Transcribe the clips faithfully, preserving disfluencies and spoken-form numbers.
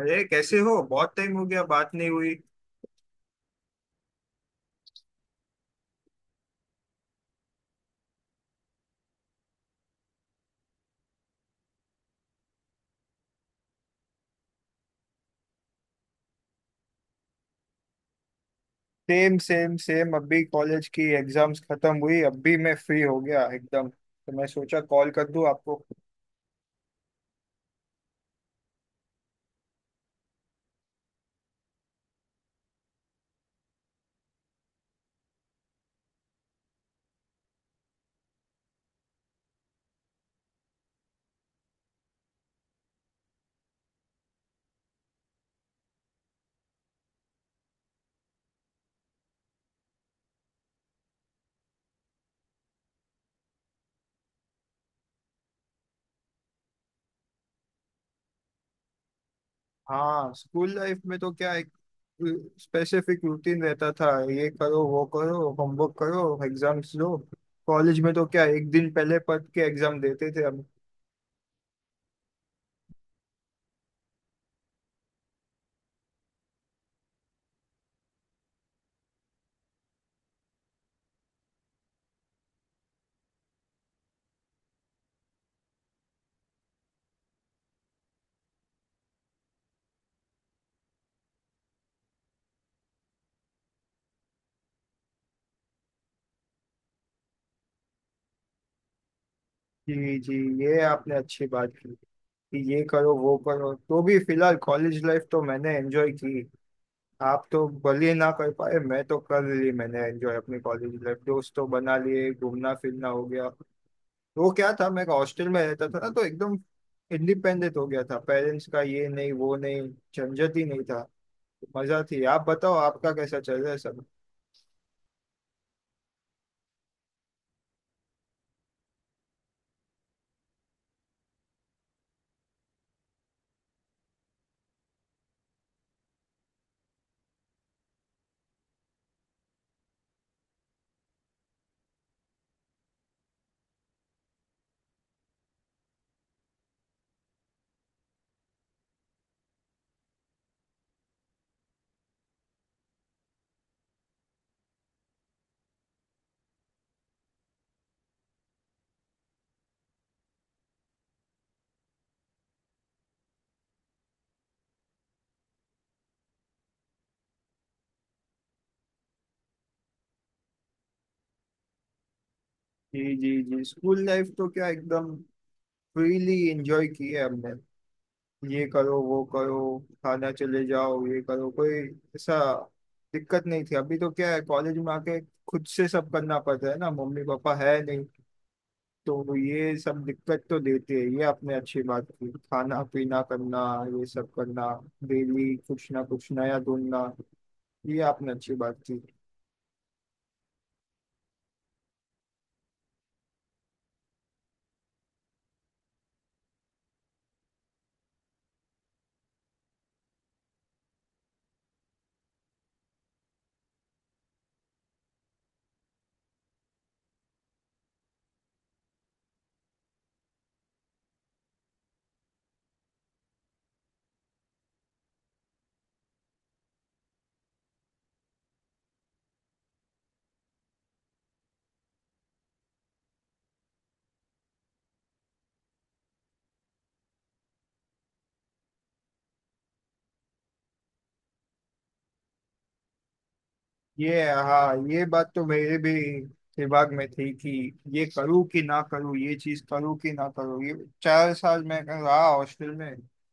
अरे, कैसे हो? बहुत टाइम हो गया, बात नहीं हुई। सेम सेम सेम, अभी कॉलेज की एग्जाम्स खत्म हुई, अभी मैं फ्री हो गया एकदम, तो मैं सोचा कॉल कर दूं आपको। हाँ, स्कूल लाइफ में तो क्या एक स्पेसिफिक रूटीन रहता था, ये करो, वो करो, होमवर्क करो, एग्जाम्स दो। कॉलेज में तो क्या, एक दिन पहले पढ़ के एग्जाम देते थे हम। जी जी, ये आपने अच्छी बात की कि ये करो वो करो, तो भी फिलहाल कॉलेज लाइफ तो मैंने एंजॉय की। आप तो भले ना कर पाए, मैं तो कर ली, मैंने एंजॉय अपनी कॉलेज लाइफ, दोस्त तो बना लिए, घूमना फिरना हो गया। वो क्या था, मैं हॉस्टल में रहता था ना, तो एकदम इंडिपेंडेंट हो गया था, पेरेंट्स का ये नहीं वो नहीं, झंझट ही नहीं था। मजा थी। आप बताओ, आपका कैसा चल रहा है सब? जी जी जी, स्कूल लाइफ तो क्या एकदम फ्रीली एंजॉय की है हमने। ये करो वो करो, थाना चले जाओ, ये करो, कोई ऐसा दिक्कत नहीं थी। अभी तो क्या है, कॉलेज में आके खुद से सब करना पड़ता है ना, मम्मी पापा है नहीं, तो ये सब दिक्कत तो देती है। ये आपने अच्छी बात की, खाना पीना करना, ये सब करना, डेली कुछ ना कुछ नया ढूंढना, ये आपने अच्छी बात की। ये हाँ, ये बात तो मेरे भी दिमाग में थी कि ये करूँ कि ना करूँ, ये चीज करूँ कि ना करूँ, ये चार साल मैं रहा हॉस्टल में, तो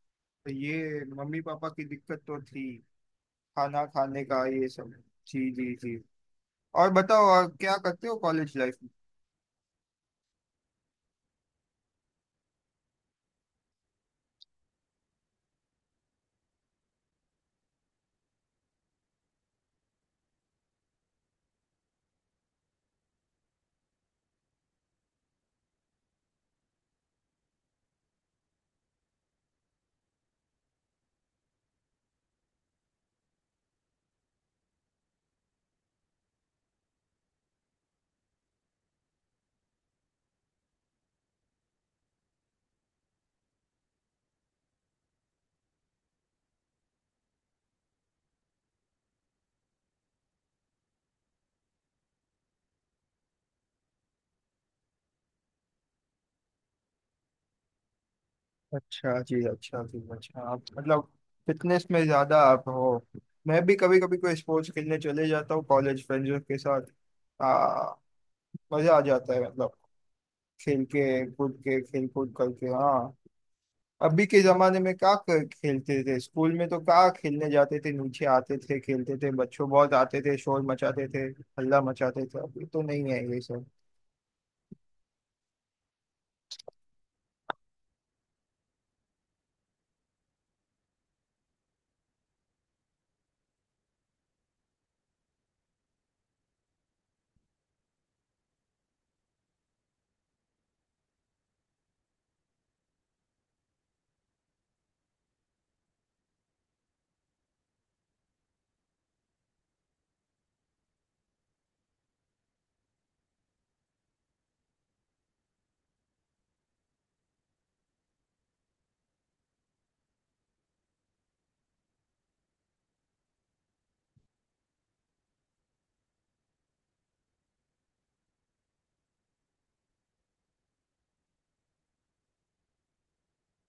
ये मम्मी पापा की दिक्कत तो थी, खाना खाने का ये सब। जी जी जी। और बताओ, और क्या करते हो कॉलेज लाइफ में? अच्छा जी, अच्छा जी, अच्छा, आप मतलब फिटनेस में ज्यादा आप हो। मैं भी कभी कभी कोई स्पोर्ट्स खेलने चले जाता हूँ कॉलेज फ्रेंड्स के साथ। आ, मजा आ जाता है, मतलब खेल के कूद के, खेल कूद करके। हाँ, अभी के जमाने में क्या क- खेलते थे? स्कूल में तो क्या, खेलने जाते थे, नीचे आते थे, खेलते थे, बच्चों बहुत आते थे, शोर मचाते थे, हल्ला मचाते थे। अभी तो नहीं है ये सब।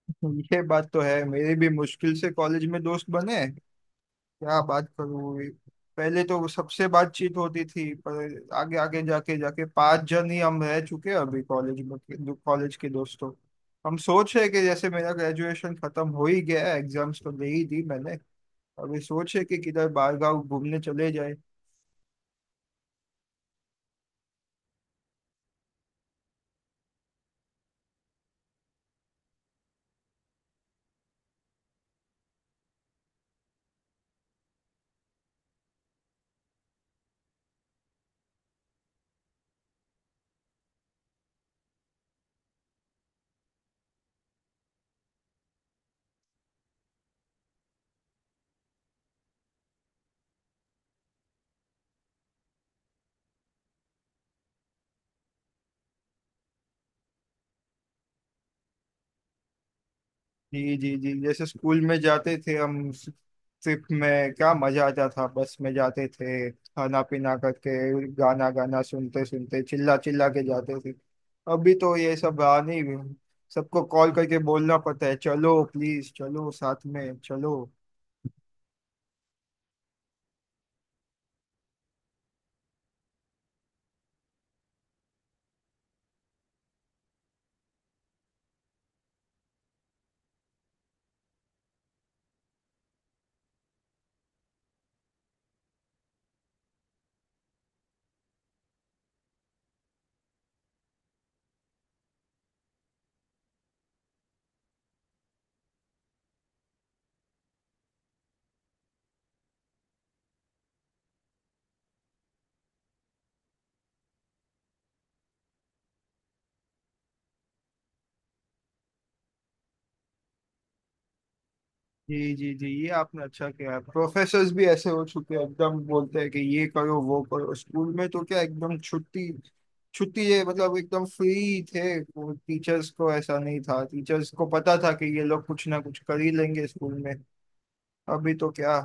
ये बात तो है, मेरे भी मुश्किल से कॉलेज में दोस्त बने। क्या बात करूँ, पहले तो सबसे बातचीत होती थी, पर आगे आगे जाके जाके पांच जन ही हम रह चुके हैं अभी कॉलेज में, कॉलेज के दोस्तों। हम सोच रहे हैं कि जैसे मेरा ग्रेजुएशन खत्म हो ही गया है, एग्जाम्स तो दे ही दी मैंने, अभी सोचे कि किधर बाहर गाँव घूमने चले जाए। जी जी जी, जैसे स्कूल में जाते थे हम, ट्रिप में क्या मजा आता था, बस में जाते थे, खाना पीना करके, गाना गाना सुनते सुनते, चिल्ला चिल्ला के जाते थे। अभी तो ये सब रहा नहीं, सबको कॉल करके बोलना पड़ता है, चलो प्लीज चलो साथ में चलो। जी जी जी, ये आपने अच्छा किया। प्रोफेसर्स भी ऐसे हो चुके हैं एकदम, बोलते हैं कि ये करो वो करो। स्कूल में तो क्या एकदम छुट्टी छुट्टी है, मतलब एकदम फ्री थे वो, टीचर्स को ऐसा नहीं था, टीचर्स को पता था कि ये लोग कुछ ना कुछ कर ही लेंगे स्कूल में। अभी तो क्या।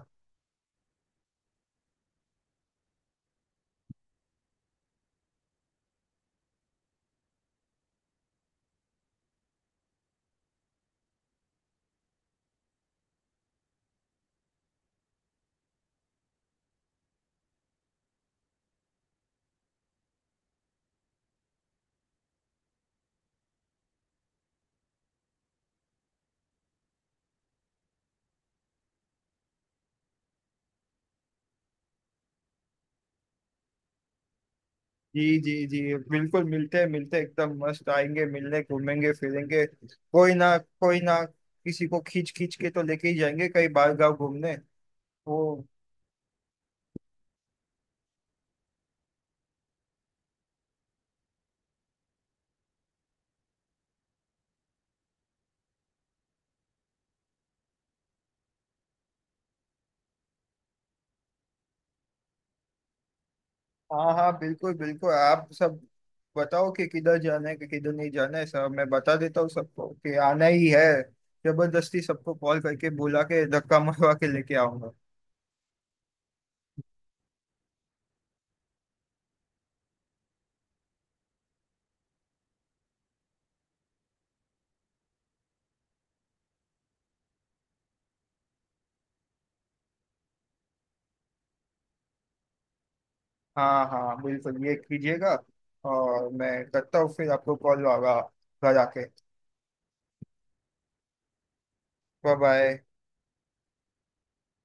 जी जी जी, बिल्कुल मिलते हैं, मिलते हैं, एकदम मस्त आएंगे मिलने, घूमेंगे फिरेंगे, कोई ना, कोई ना किसी को खींच खींच के तो लेके ही जाएंगे कहीं बाहर गाँव घूमने। वो, हाँ हाँ, बिल्कुल बिल्कुल। आप सब बताओ कि किधर जाना है कि किधर नहीं जाना है, सब मैं बता देता हूँ सबको कि आना ही है। जबरदस्ती सबको कॉल करके बुला के धक्का मरवा के लेके आऊंगा। हाँ हाँ, बिल्कुल ये कीजिएगा। और मैं करता हूँ फिर आपको कॉल आगा, घर आके। Bye bye.